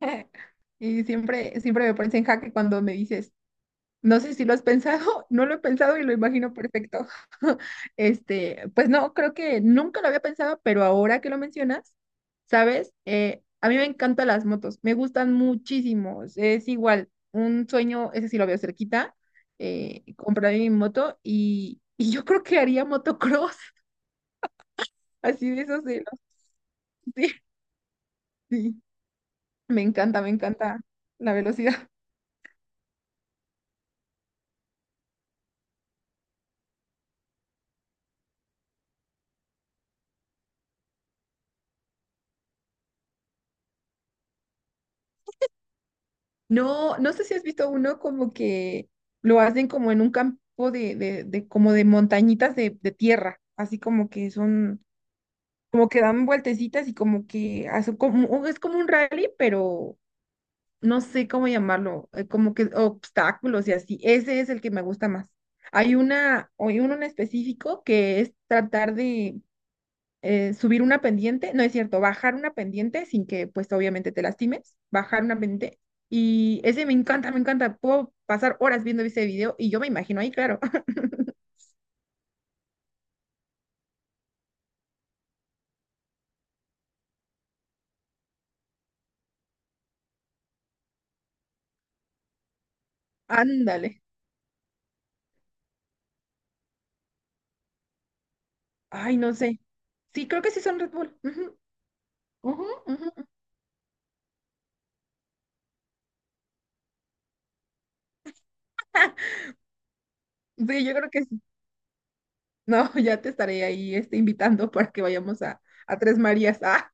Y siempre, siempre me pones en jaque cuando me dices, no sé si lo has pensado. No lo he pensado y lo imagino perfecto. Pues no, creo que nunca lo había pensado, pero ahora que lo mencionas, ¿sabes? A mí me encantan las motos, me gustan muchísimo. Es igual, un sueño, ese sí lo veo cerquita, comprar mi moto y yo creo que haría motocross, así de esos de los... Sí, sí, me encanta la velocidad. No, no sé si has visto uno como que lo hacen como en un campo de como de montañitas de tierra, así como que son, como que dan vueltecitas y como que hacen como, o es como un rally, pero no sé cómo llamarlo, como que obstáculos y así. Ese es el que me gusta más. Hay uno en específico que es tratar de subir una pendiente, no es cierto, bajar una pendiente sin que pues obviamente te lastimes, bajar una pendiente. Y ese me encanta, me encanta. Puedo pasar horas viendo ese video y yo me imagino ahí, claro. Ándale. Ay, no sé. Sí, creo que sí son Red Bull. Ujú, ujú, ujú. Sí, yo creo que sí. No, ya te estaré ahí invitando para que vayamos a Tres Marías. Ah,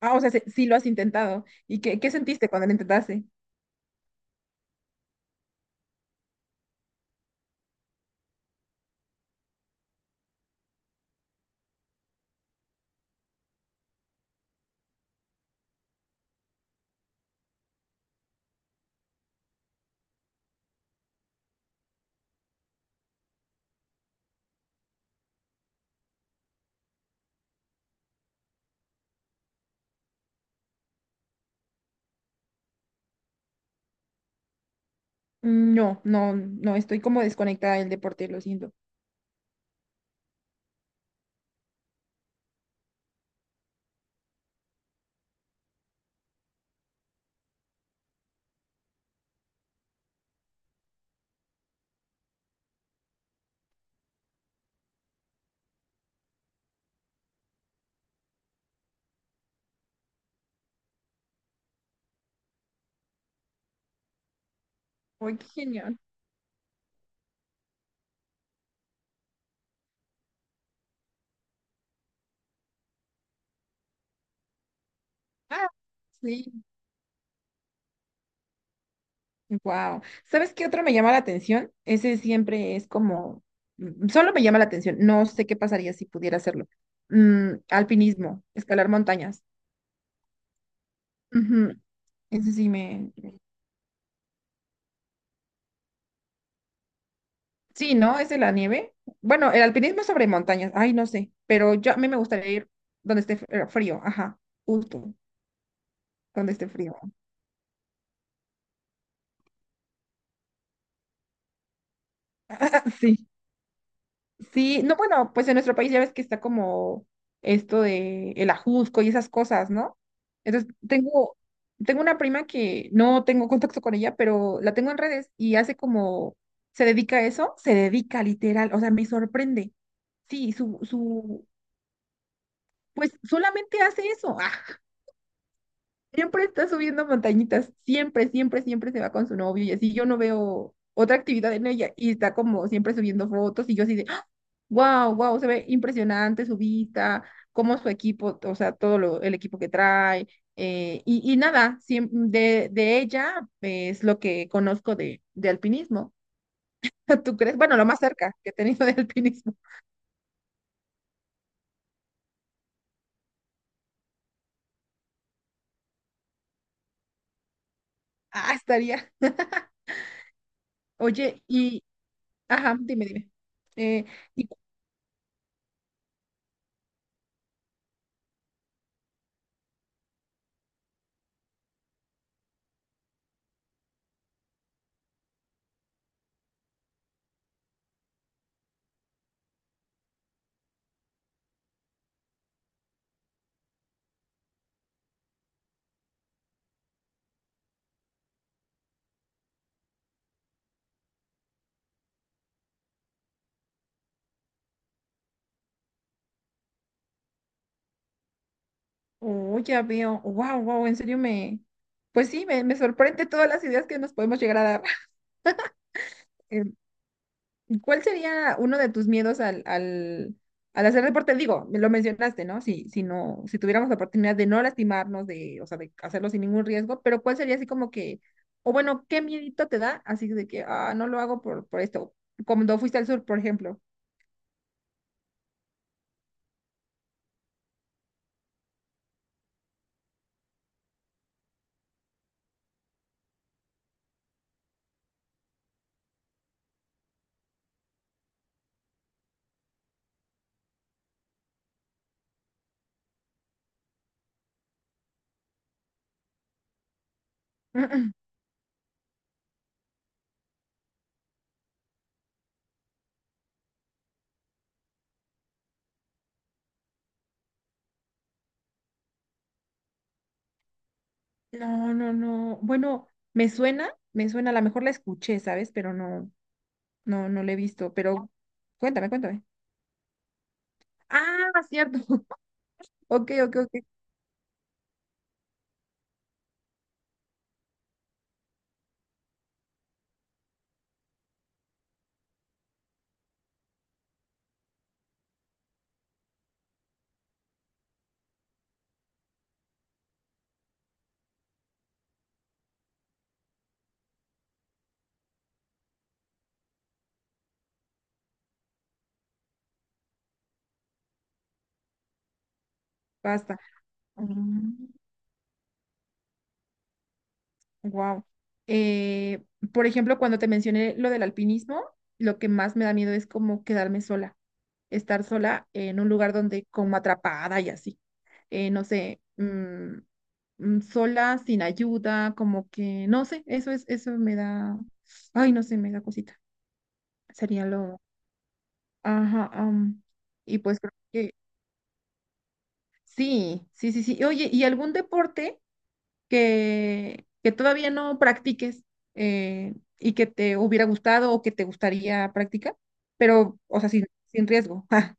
ah, o sea, sí lo has intentado. ¿Y qué, qué sentiste cuando lo intentaste? Mm, no, no, no, estoy como desconectada del deporte, lo siento. Ay, qué genial. Ah, sí, wow. ¿Sabes qué otro me llama la atención? Ese siempre es como, mm, solo me llama la atención, no sé qué pasaría si pudiera hacerlo. Mm, alpinismo, escalar montañas. Ujú, ese sí me... Sí, ¿no? ¿Es de la nieve? Bueno, el alpinismo es sobre montañas, ay, no sé, pero yo a mí me gustaría ir donde esté frío, ajá, justo, donde esté frío. Sí. Sí, no, bueno, pues en nuestro país ya ves que está como esto de el ajusco y esas cosas, ¿no? Entonces, tengo una prima que no tengo contacto con ella, pero la tengo en redes y hace como, se dedica a eso, se dedica literal, o sea, me sorprende. Sí, pues solamente hace eso. Siempre está subiendo montañitas, siempre, siempre, siempre se va con su novio y así yo no veo otra actividad en ella y está como siempre subiendo fotos y yo así de, wow, wow, se ve impresionante su vista, cómo su equipo, o sea, todo lo, el equipo que trae y nada, de ella es lo que conozco de alpinismo. ¿Tú crees? Bueno, lo más cerca que he tenido de alpinismo. Ah, estaría. Oye, y, ajá, dime, dime. Eh, ¿y oh, ya veo. Wow, wow, en serio me. Pues sí, me sorprende todas las ideas que nos podemos llegar a dar. ¿Cuál sería uno de tus miedos al hacer deporte? Digo, me lo mencionaste, ¿no? Si, si no, si tuviéramos la oportunidad de no lastimarnos, de, o sea, de hacerlo sin ningún riesgo, pero ¿cuál sería así como que, o bueno, qué miedito te da? Así de que, ah, no lo hago por esto. Cuando fuiste al sur, por ejemplo. Mm, mm. No, no, no. Bueno, me suena, a lo mejor la escuché, ¿sabes? Pero no. No, no le he visto, pero cuéntame, cuéntame. Ah, cierto. Ok, ok, ok. Basta. Wow. Por ejemplo, cuando te mencioné lo del alpinismo, lo que más me da miedo es como quedarme sola, estar sola en un lugar donde como atrapada y así. No sé, sola, sin ayuda, como que, no sé, eso es, eso me da, ay, no sé, me da cosita. Sería lo, ajá, y pues creo sí, sí, sí, sí. Oye, ¿y algún deporte que todavía no practiques y que te hubiera gustado o que te gustaría practicar? Pero, o sea, sin, sin riesgo.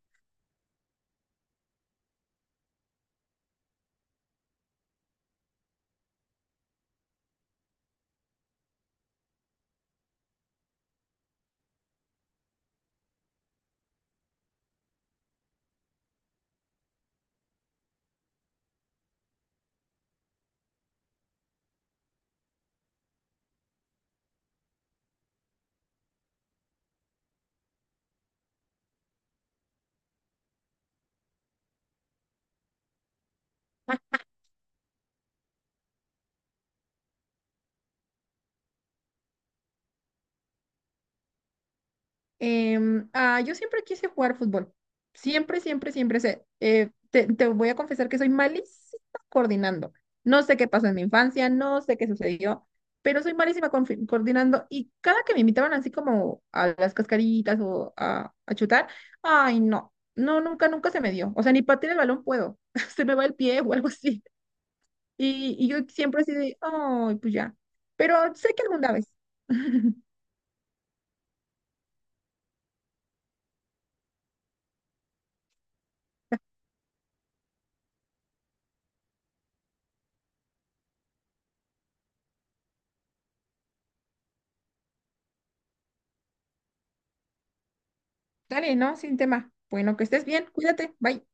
Ah, yo siempre quise jugar fútbol. Siempre, siempre, siempre sé. Te te voy a confesar que soy malísima coordinando. No sé qué pasó en mi infancia, no sé qué sucedió, pero soy malísima coordinando. Y cada que me invitaban así como a las cascaritas o a chutar, ay, no, no, nunca, nunca se me dio. O sea, ni patear el balón puedo. Se me va el pie o algo así. Y yo siempre así de, ay, pues ya. Pero sé que alguna vez. Dale, ¿no? Sin tema. Bueno, que estés bien. Cuídate. Bye.